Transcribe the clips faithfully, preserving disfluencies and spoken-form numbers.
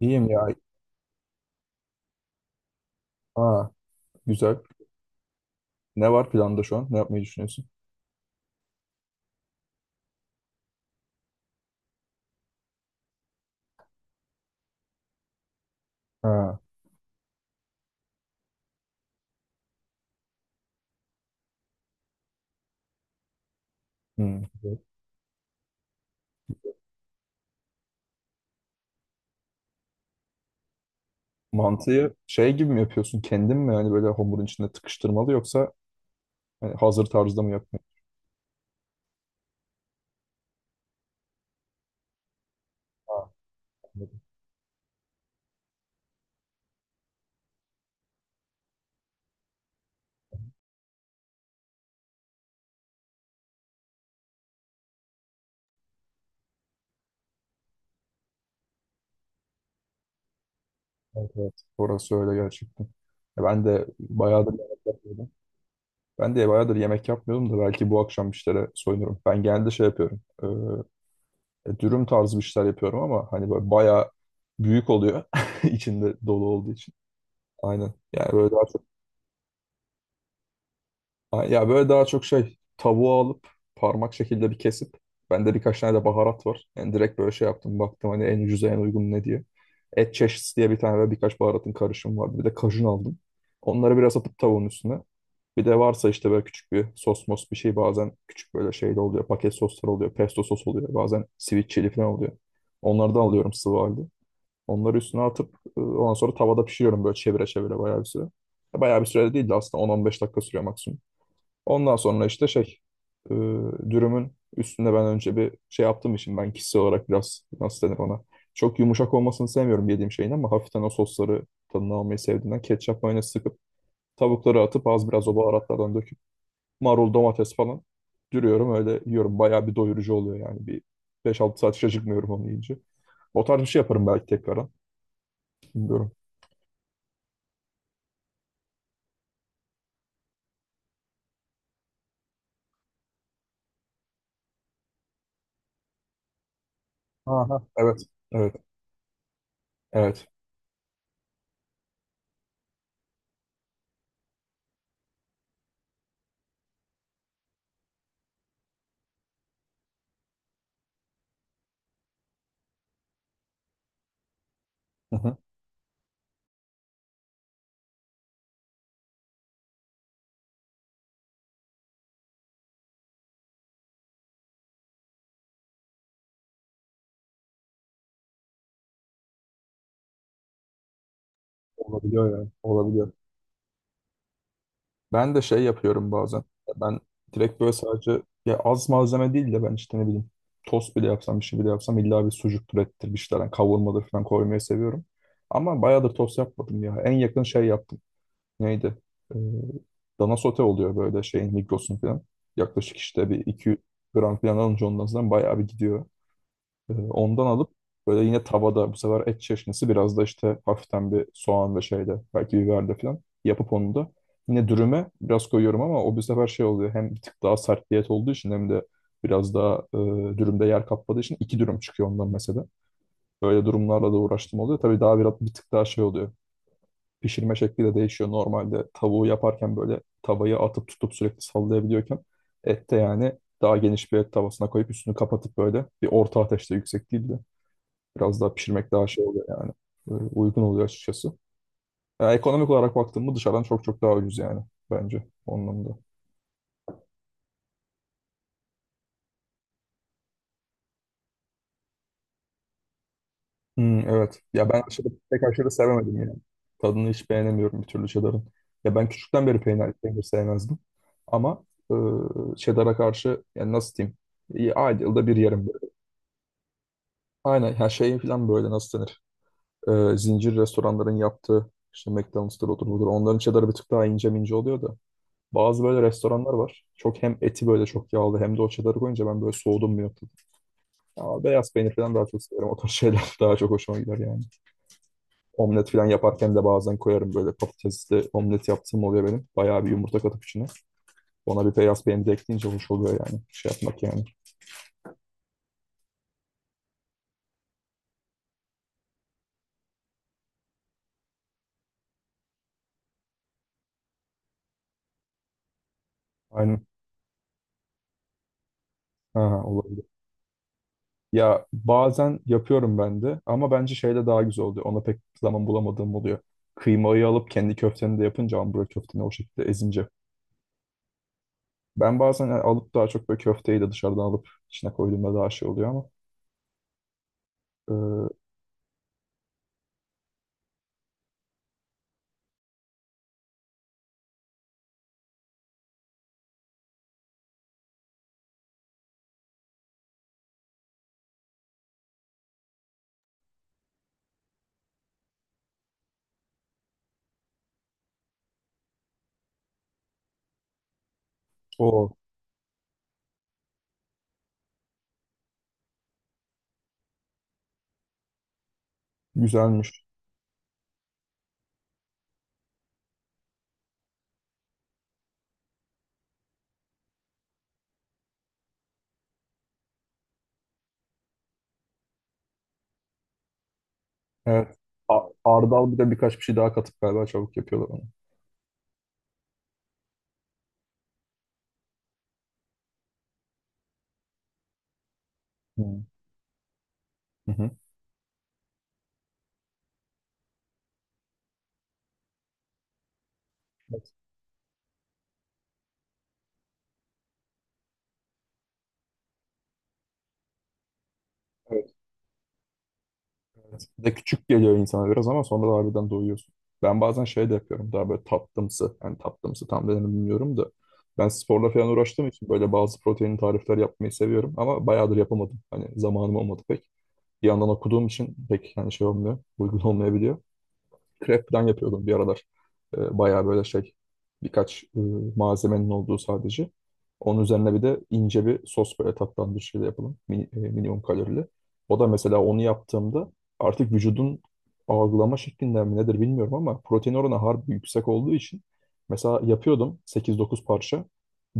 İyiyim ya. Aa, güzel. Ne var planda şu an? Ne yapmayı düşünüyorsun? Ha. Hmm, güzel. Mantıyı şey gibi mi yapıyorsun? Kendin mi yani böyle hamurun içinde tıkıştırmalı yoksa hani hazır tarzda mı yapmayı? Ha, anladım. Evet, evet. Orası öyle gerçekten. Ya ben de bayağıdır yemek yapmıyordum. Ben de bayağıdır yemek yapmıyordum da belki bu akşam bir şeylere soyunurum. Ben genelde şey yapıyorum. Ee, e, dürüm tarzı bir şeyler yapıyorum ama hani böyle bayağı büyük oluyor. içinde dolu olduğu için. Aynen. Yani böyle daha. Ha, ya böyle daha çok şey tavuğu alıp parmak şekilde bir kesip bende birkaç tane de baharat var. Yani direkt böyle şey yaptım baktım hani en ucuza en uygun ne diye. Et çeşnisi diye bir tane ve birkaç baharatın karışımı vardı. Bir de kajun aldım. Onları biraz atıp tavuğun üstüne. Bir de varsa işte böyle küçük bir sos mos bir şey bazen küçük böyle şey de oluyor. Paket soslar oluyor. Pesto sos oluyor. Bazen sweet chili falan oluyor. Onlardan alıyorum sıvı halde. Onları üstüne atıp e, ondan sonra tavada pişiriyorum böyle çevire çevire bayağı bir süre. Bayağı bir süre de değil de aslında on on beş dakika sürüyor maksimum. Ondan sonra işte şey e, dürümün üstünde ben önce bir şey yaptığım için ben kişisel olarak biraz nasıl denir ona. Çok yumuşak olmasını sevmiyorum yediğim şeyin ama hafiften o sosları tadını almayı sevdiğinden ketçap mayonez sıkıp tavukları atıp az biraz o baharatlardan döküp marul domates falan dürüyorum öyle yiyorum. Bayağı bir doyurucu oluyor yani bir beş altı saat hiç acıkmıyorum onu yiyince. O tarz bir şey yaparım belki tekrardan. Bilmiyorum. Aha, evet. Evet. Evet. Hı hı. Olabiliyor yani. Olabiliyor. Ben de şey yapıyorum bazen. Ben direkt böyle sadece ya az malzeme değil de ben işte ne bileyim tost bile yapsam bir şey bile yapsam illa bir sucuktur ettir bir şeyler. Yani kavurmadır falan koymayı seviyorum. Ama bayağıdır tost yapmadım ya. En yakın şey yaptım. Neydi? Ee, dana sote oluyor böyle şeyin Migros'un falan. Yaklaşık işte bir iki yüz gram falan alınca ondan sonra bayağı bir gidiyor. Ee, Ondan alıp böyle yine tavada bu sefer et çeşnisi biraz da işte hafiften bir soğan ve şeyle belki biberle falan yapıp onu da yine dürüme biraz koyuyorum ama o bu sefer şey oluyor hem bir tık daha sert diyet olduğu için hem de biraz daha e, dürümde yer kapladığı için iki dürüm çıkıyor ondan mesela. Böyle durumlarla da uğraştım oluyor. Tabii daha biraz bir tık daha şey oluyor. Pişirme şekli de değişiyor. Normalde tavuğu yaparken böyle tavayı atıp tutup sürekli sallayabiliyorken ette yani daha geniş bir et tavasına koyup üstünü kapatıp böyle bir orta ateşte yüksek değil de biraz daha pişirmek daha şey oluyor yani. Böyle uygun oluyor açıkçası. Ya ekonomik olarak baktığımda dışarıdan çok çok daha ucuz yani bence onun anlamda. Hmm, evet. Ya ben aşırı, pek aşırı sevemedim yani. Tadını hiç beğenemiyorum bir türlü cheddar'ın. Ya ben küçükten beri peynir, peynir sevmezdim. Ama e, cheddar'a karşı yani nasıl diyeyim? İyi, ayda yılda bir yerim böyle. Aynen her şeyin falan böyle nasıl denir? E, zincir restoranların yaptığı işte McDonald's'tır odur budur. Onların cheddar'ı bir tık daha ince mince oluyor da. Bazı böyle restoranlar var. Çok hem eti böyle çok yağlı hem de o çedarı koyunca ben böyle soğudum bir noktada. Ama beyaz peynir falan daha çok severim. O tarz şeyler daha çok hoşuma gider yani. Omlet falan yaparken de bazen koyarım böyle patatesli omlet yaptığım oluyor benim. Bayağı bir yumurta katıp içine. Ona bir beyaz peynir de ekleyince hoş oluyor yani. Şey yapmak yani. Aynen. Ha, olabilir. Ya bazen yapıyorum ben de ama bence şeyle daha güzel oluyor. Ona pek zaman bulamadığım oluyor. Kıymayı alıp kendi köfteni de yapınca ambura köfteni o şekilde ezince. Ben bazen yani alıp daha çok böyle köfteyi de dışarıdan alıp içine koyduğumda daha şey oluyor ama e, o güzelmiş. Evet. A- Ardal bir de birkaç bir şey daha katıp galiba çabuk yapıyorlar onu. Hı. Hı hı. Evet. Evet. De küçük geliyor insana biraz ama sonra da harbiden doyuyorsun. Ben bazen şey de yapıyorum daha böyle tatlımsı. Yani tatlımsı tam denir mi bilmiyorum da. Ben sporla falan uğraştığım için böyle bazı protein tarifler yapmayı seviyorum ama bayağıdır yapamadım. Hani zamanım olmadı pek. Bir yandan okuduğum için pek hani şey olmuyor, uygun olmayabiliyor. Krep falan yapıyordum bir aralar. E, bayağı böyle şey birkaç e, malzemenin olduğu sadece. Onun üzerine bir de ince bir sos böyle tatlandırıcıyla yapalım. Min, e, minimum kalorili. O da mesela onu yaptığımda artık vücudun algılama şeklinden mi nedir bilmiyorum ama protein oranı harbi yüksek olduğu için mesela yapıyordum sekiz dokuz parça.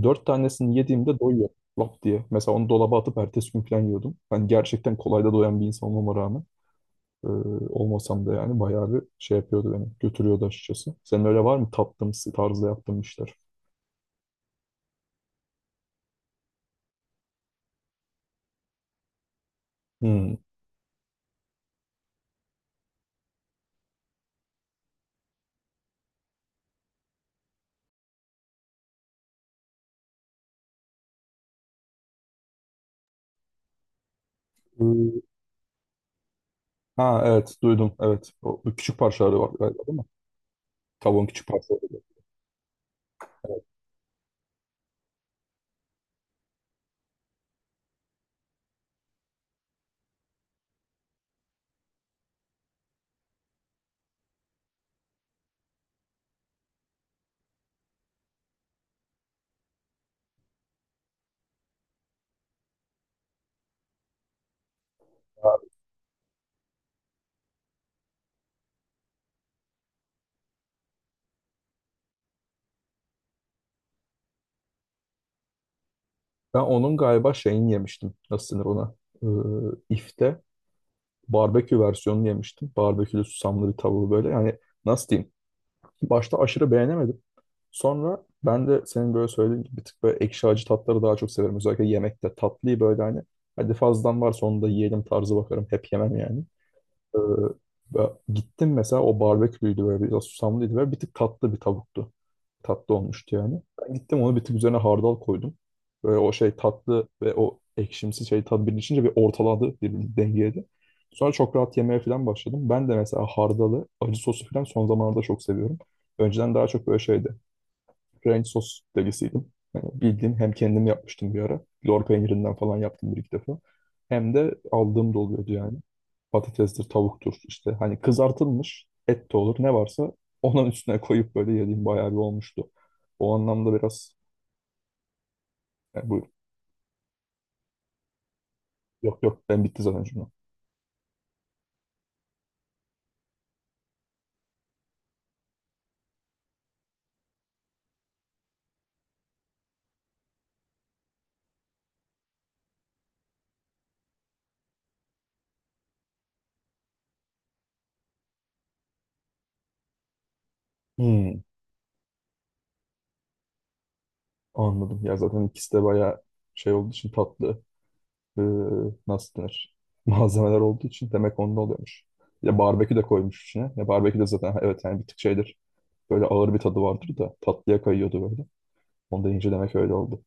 Dört tanesini yediğimde doyuyor lap diye. Mesela onu dolaba atıp ertesi gün falan yiyordum. Ben gerçekten kolay da doyan bir insan olmama rağmen. Ee, olmasam da yani bayağı bir şey yapıyordu beni. Götürüyordu açıkçası. Senin öyle var mı? Taptığımız tarzda yaptığın işler. Hmm. Ee, Ha, evet duydum, evet. O küçük parçaları var galiba değil mi? Tavuğun küçük parçaları. Ben onun galiba şeyini yemiştim. Nasıl denir ona? Ee, ifte barbekü versiyonunu yemiştim. Barbekülü susamlı bir tavuğu böyle. Yani nasıl diyeyim? Başta aşırı beğenemedim. Sonra ben de senin böyle söylediğin gibi bir tık böyle ekşi acı tatları daha çok severim. Özellikle yemekte tatlıyı böyle hani hadi fazladan varsa onu da yiyelim tarzı bakarım. Hep yemem yani. Ee, ve gittim mesela o barbeküydü böyle biraz susamlıydı ve bir tık tatlı bir tavuktu. Tatlı olmuştu yani. Ben gittim onu bir tık üzerine hardal koydum. Böyle o şey tatlı ve o ekşimsi şey tadı birleşince bir ortaladı birbirini dengeledi. Sonra çok rahat yemeye falan başladım. Ben de mesela hardalı, acı sosu falan son zamanlarda çok seviyorum. Önceden daha çok böyle şeydi. Ranch sos delisiydim. Yani bildiğin hem kendim yapmıştım bir ara. Lor peynirinden falan yaptım bir iki defa. Hem de aldığım da oluyordu yani. Patatestir, tavuktur işte. Hani kızartılmış et de olur ne varsa onun üstüne koyup böyle yediğim bayağı bir olmuştu. O anlamda biraz yani buyur. Yok yok ben bitti zaten şimdi. Hmm, anladım. Ya zaten ikisi de bayağı şey olduğu için tatlı. Ee, nasıl denir? Malzemeler olduğu için demek onda oluyormuş. Ya barbekü de koymuş içine. Ya barbekü de zaten ha, evet yani bir tık şeydir. Böyle ağır bir tadı vardır da tatlıya kayıyordu böyle. Onu da demek öyle oldu.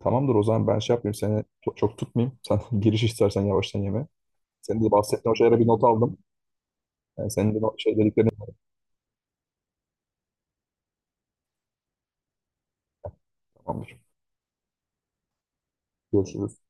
Tamamdır o zaman ben şey yapmayayım seni çok, çok tutmayayım. Sen giriş istersen yavaştan yeme. Senin de bahsettiğin o şeylere bir not aldım. Yani senin de no- şey dediklerini tamamdır. Görüşürüz.